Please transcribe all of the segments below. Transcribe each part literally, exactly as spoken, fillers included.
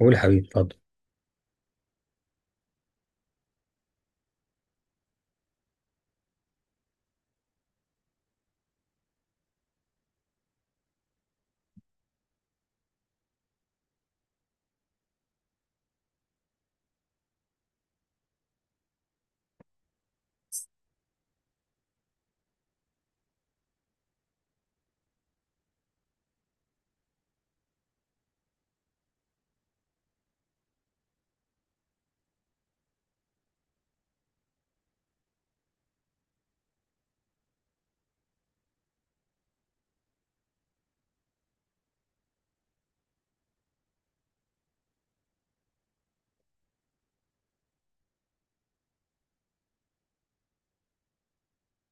قول حبيبي اتفضل.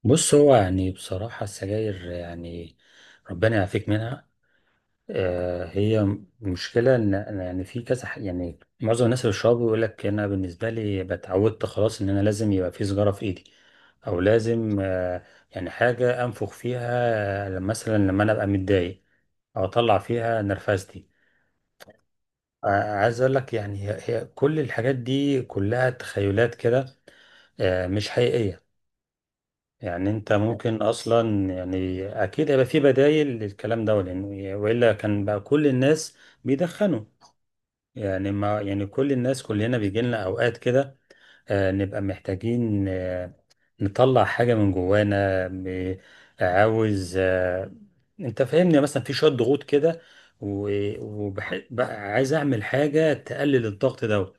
بص، هو يعني بصراحة السجاير يعني ربنا يعافيك منها. آه هي مشكلة إن إن يعني في كذا ح- يعني معظم الناس اللي بيشربوا يقول لك أنا بالنسبة لي اتعودت خلاص إن أنا لازم يبقى في سيجارة في إيدي، أو لازم آه يعني حاجة أنفخ فيها لما- مثلا لما أنا أبقى متضايق أو أطلع فيها نرفزتي. آه، عايز اقول لك يعني هي هي كل الحاجات دي كلها تخيلات كده. آه، مش حقيقية. يعني انت ممكن اصلا يعني اكيد هيبقى في بدايل للكلام ده، لان والا كان بقى كل الناس بيدخنوا. يعني ما يعني كل الناس كلنا بيجي لنا اوقات كده آه، نبقى محتاجين، آه، نطلع حاجه من جوانا ب- عاوز آه، انت فاهمني، يعني مثلا في شويه ضغوط كده و- وبح- بقى عايز اعمل حاجه تقلل الضغط ده.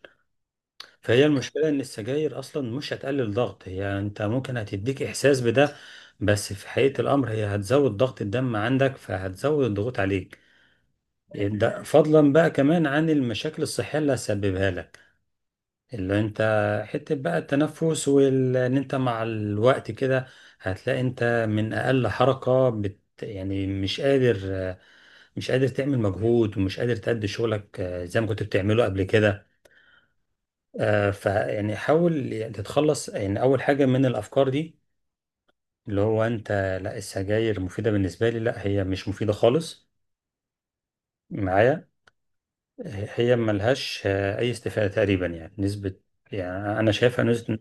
فهي المشكلة إن السجاير أصلا مش هتقلل ضغط، هي أنت ممكن هتديك إحساس بده، بس في حقيقة الأمر هي هتزود ضغط الدم عندك، فهتزود الضغوط عليك. ده فضلا بقى كمان عن المشاكل الصحية اللي هتسببها لك، اللي أنت حتة بقى التنفس، وإن أنت مع الوقت كده هتلاقي أنت من أقل حركة بت يعني مش قادر، مش قادر تعمل مجهود، ومش قادر تأدي شغلك زي ما كنت بتعمله قبل كده. آه، فيعني حاول تتخلص يعني اول حاجه من الافكار دي، اللي هو انت لا السجاير مفيده بالنسبه لي، لا هي مش مفيده خالص معايا. هي ملهاش آه، اي استفاده تقريبا يعني نسبه، يعني انا شايفها نسبه.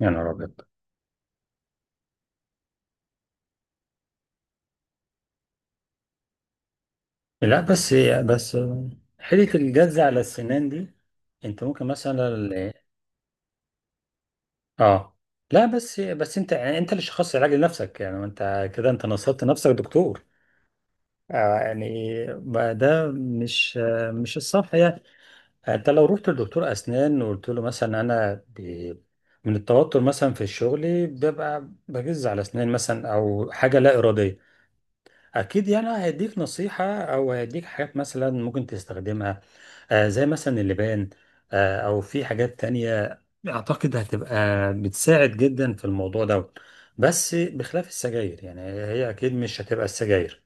يا نهار ابيض. لا بس. بس حيله الجز على السنان دي انت ممكن مثلا ال- اه. لا بس، بس انت يعني انت اللي شخصت العلاج لنفسك، يعني انت كده انت نصبت نفسك دكتور. آه، يعني ما ده مش آه، مش الصح يعني. آه، انت لو رحت لدكتور اسنان وقلت له مثلا انا ب... من التوتر مثلا في الشغل ببقى بجز على اسنان مثلا، او حاجه لا اراديه، اكيد يعني هيديك نصيحه او هيديك حاجات مثلا ممكن تستخدمها، آه، زي مثلا اللبان، آه، او في حاجات تانية اعتقد هتبقى بتساعد جدا في الموضوع ده، بس بخلاف السجاير. يعني هي اكيد مش هتبقى السجاير،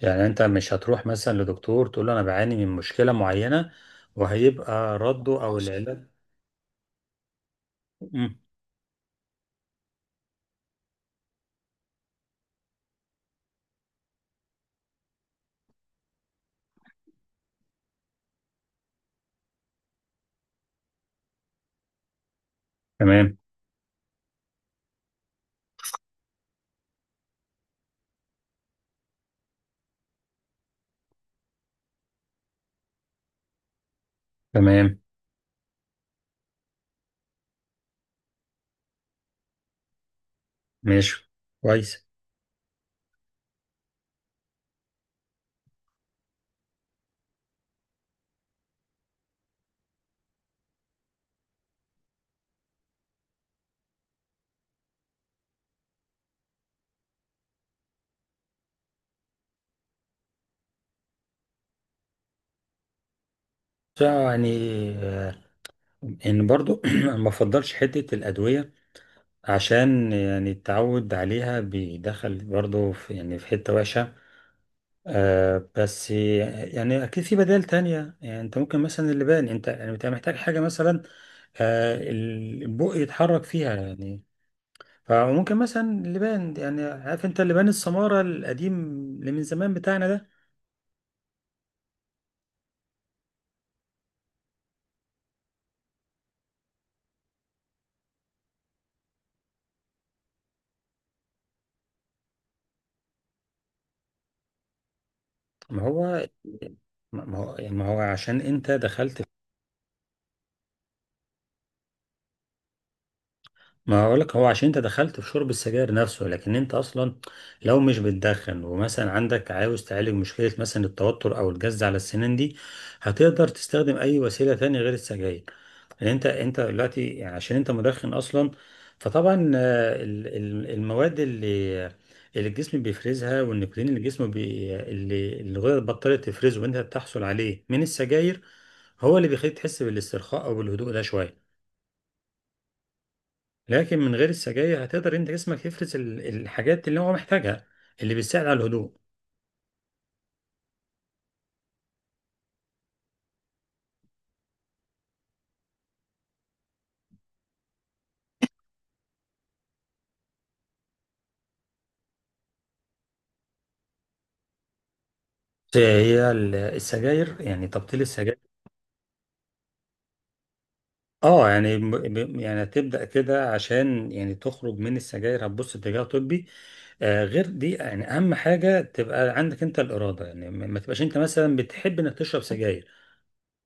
يعني انت مش هتروح مثلا لدكتور تقول له انا بعاني من مشكلة معينة وهيبقى رده او خلاص العلاج. مم. تمام. تمام. ماشي، كويس. يعني آه، ان برضو ما بفضلش حتة الأدوية، عشان يعني التعود عليها بيدخل برضو في يعني في حتة وحشة. آه بس يعني اكيد في بدائل تانية. يعني انت ممكن مثلا اللبان، انت يعني انت محتاج حاجة مثلا آه البق يتحرك فيها يعني. فممكن مثلا اللبان، يعني عارف انت اللبان السمارة القديم اللي من زمان بتاعنا ده. ما هو ما ما هو يعني ما هو عشان انت دخلت. ما هقولك، هو عشان انت دخلت في شرب السجاير نفسه، لكن انت اصلا لو مش بتدخن ومثلا عندك عاوز تعالج مشكلة مثلا التوتر او الجز على السنان دي، هتقدر تستخدم اي وسيلة تانية غير السجاير. لان انت انت دلوقتي يعني عشان انت مدخن اصلا، فطبعا آه، ال- ال- المواد اللي اللي الجسم بيفرزها، والنيكوتين اللي الجسم بي اللي اللي الغدد بطلت تفرزه وانت بتحصل عليه من السجاير، هو اللي بيخليك تحس بالاسترخاء او بالهدوء ده شوية. لكن من غير السجاير هتقدر انت جسمك يفرز ال- الحاجات اللي هو محتاجها، اللي بتساعد على الهدوء. هي ال- السجاير يعني تبطيل السجاير. اه يعني م- ب- يعني هتبدأ كده عشان يعني تخرج من السجاير هتبص اتجاه طبي. آه غير دي يعني اهم حاجة تبقى عندك انت الإرادة. يعني ما ما تبقاش انت مثلا بتحب انك تشرب سجاير.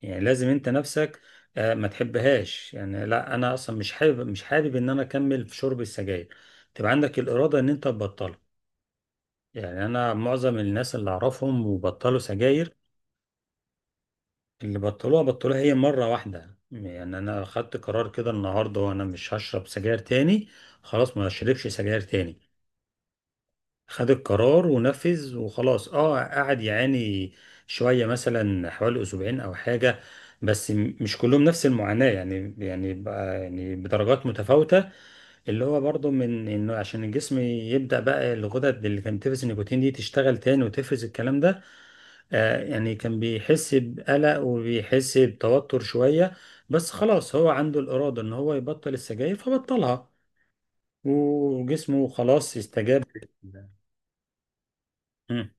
يعني لازم انت نفسك آه ما تحبهاش، يعني لا انا اصلا مش حابب، مش حابب ان انا اكمل في شرب السجاير. تبقى عندك الإرادة ان انت تبطلها. يعني انا معظم الناس اللي اعرفهم وبطلوا سجاير، اللي بطلوها بطلوها هي مرة واحدة. يعني انا خدت قرار كده النهاردة، وانا مش هشرب سجاير تاني، خلاص ما اشربش سجاير تاني. خد القرار ونفذ وخلاص. اه قعد يعاني شوية، مثلا حوالي اسبوعين او حاجة، بس م- مش كلهم نفس المعاناة يعني، يعني بقى- يعني بدرجات متفاوتة. اللي هو برضو من انه عشان الجسم يبدأ بقى الغدد اللي كانت بتفرز النيكوتين دي تشتغل تاني وتفرز الكلام ده. آه يعني كان بيحس بقلق وبيحس بتوتر شوية، بس خلاص هو عنده الإرادة ان هو يبطل السجاير فبطلها، وجسمه خلاص استجاب. مم،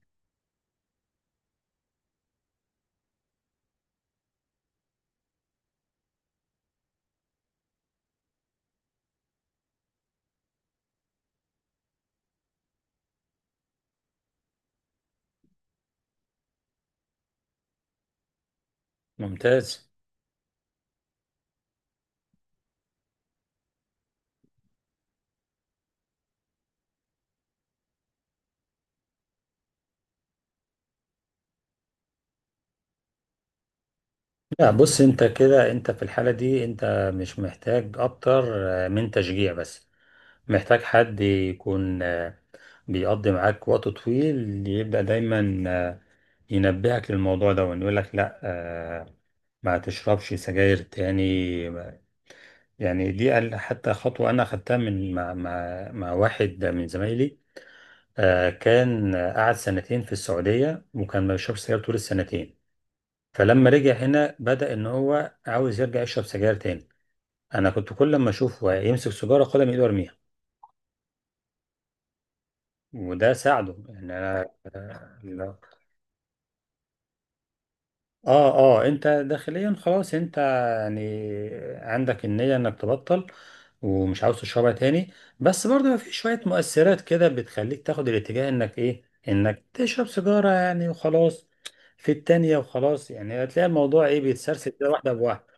ممتاز. لا بص، انت كده انت في الحالة دي انت مش محتاج اكتر آه، من تشجيع بس. محتاج حد يكون آه، بيقضي معاك وقت طويل، يبدأ دايما ينبهك للموضوع ده ويقول لك لا آه ما تشربش سجاير تاني ما- يعني دي قال- حتى خطوة أنا أخدتها من مع, مع, مع واحد من زمايلي. آه كان قعد سنتين في السعودية، وكان ما بيشربش سجاير طول السنتين. فلما رجع هنا بدأ إن هو عاوز يرجع يشرب سجاير تاني. أنا كنت كل ما أشوفه يمسك سيجارة خدها من إيده وأرميها، وده ساعده. يعني أنا آه، اه. اه انت داخليا خلاص انت يعني عندك النية انك تبطل ومش عاوز تشربها تاني، بس برضه في شوية مؤثرات كده بتخليك تاخد الاتجاه انك ايه انك تشرب سيجارة يعني وخلاص، في التانية وخلاص. يعني هتلاقي الموضوع ايه بيتسرسل كده واحدة بواحدة.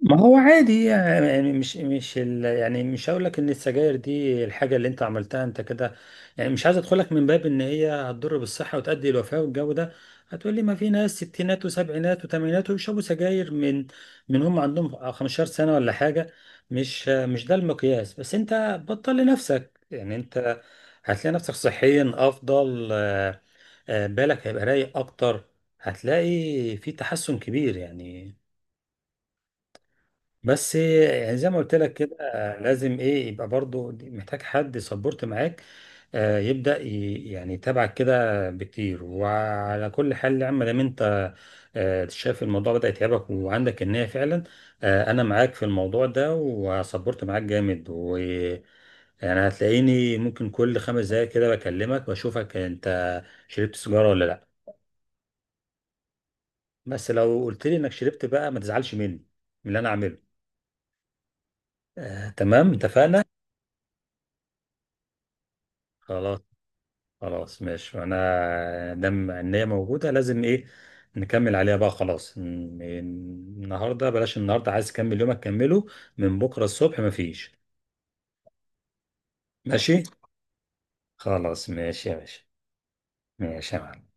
ما هو عادي يعني، مش مش ال يعني مش هقول لك ان السجاير دي الحاجه اللي انت عملتها انت كده. يعني مش عايز ادخلك من باب ان هي هتضر بالصحه وتؤدي الوفاه والجو ده. هتقول لي ما في ناس ستينات وسبعينات وثمانينات ويشربوا سجاير من من هم عندهم خمسة عشر سنه ولا حاجه. مش مش ده المقياس. بس انت بطل لنفسك. يعني انت هتلاقي نفسك صحيا افضل، آه، آه، بالك هيبقى رايق اكتر، هتلاقي في تحسن كبير يعني. بس يعني زي ما قلت لك كده آه، لازم ايه يبقى برضو محتاج حد سبورت معاك، آه، يبدأ ي- يعني يتابعك كده بكتير. وعلى كل حال يا عم، دام انت آه، شايف الموضوع بدأ يتعبك وعندك النية فعلا، آه، انا معاك في الموضوع ده، وسبورت معاك جامد، و يعني هتلاقيني ممكن كل خمس دقايق كده بكلمك واشوفك انت شربت سيجارة ولا لا. بس لو قلت لي انك شربت بقى ما تزعلش مني من اللي انا عامله. آه، تمام، اتفقنا. خلاص. خلاص ماشي، انا دام ان هي موجوده لازم ايه نكمل عليها بقى. خلاص ن- النهارده بلاش، النهارده عايز تكمل يومك كمله، من بكره الصبح مفيش. ماشي. خلاص ماشي يا باشا. ماشي يا معلم.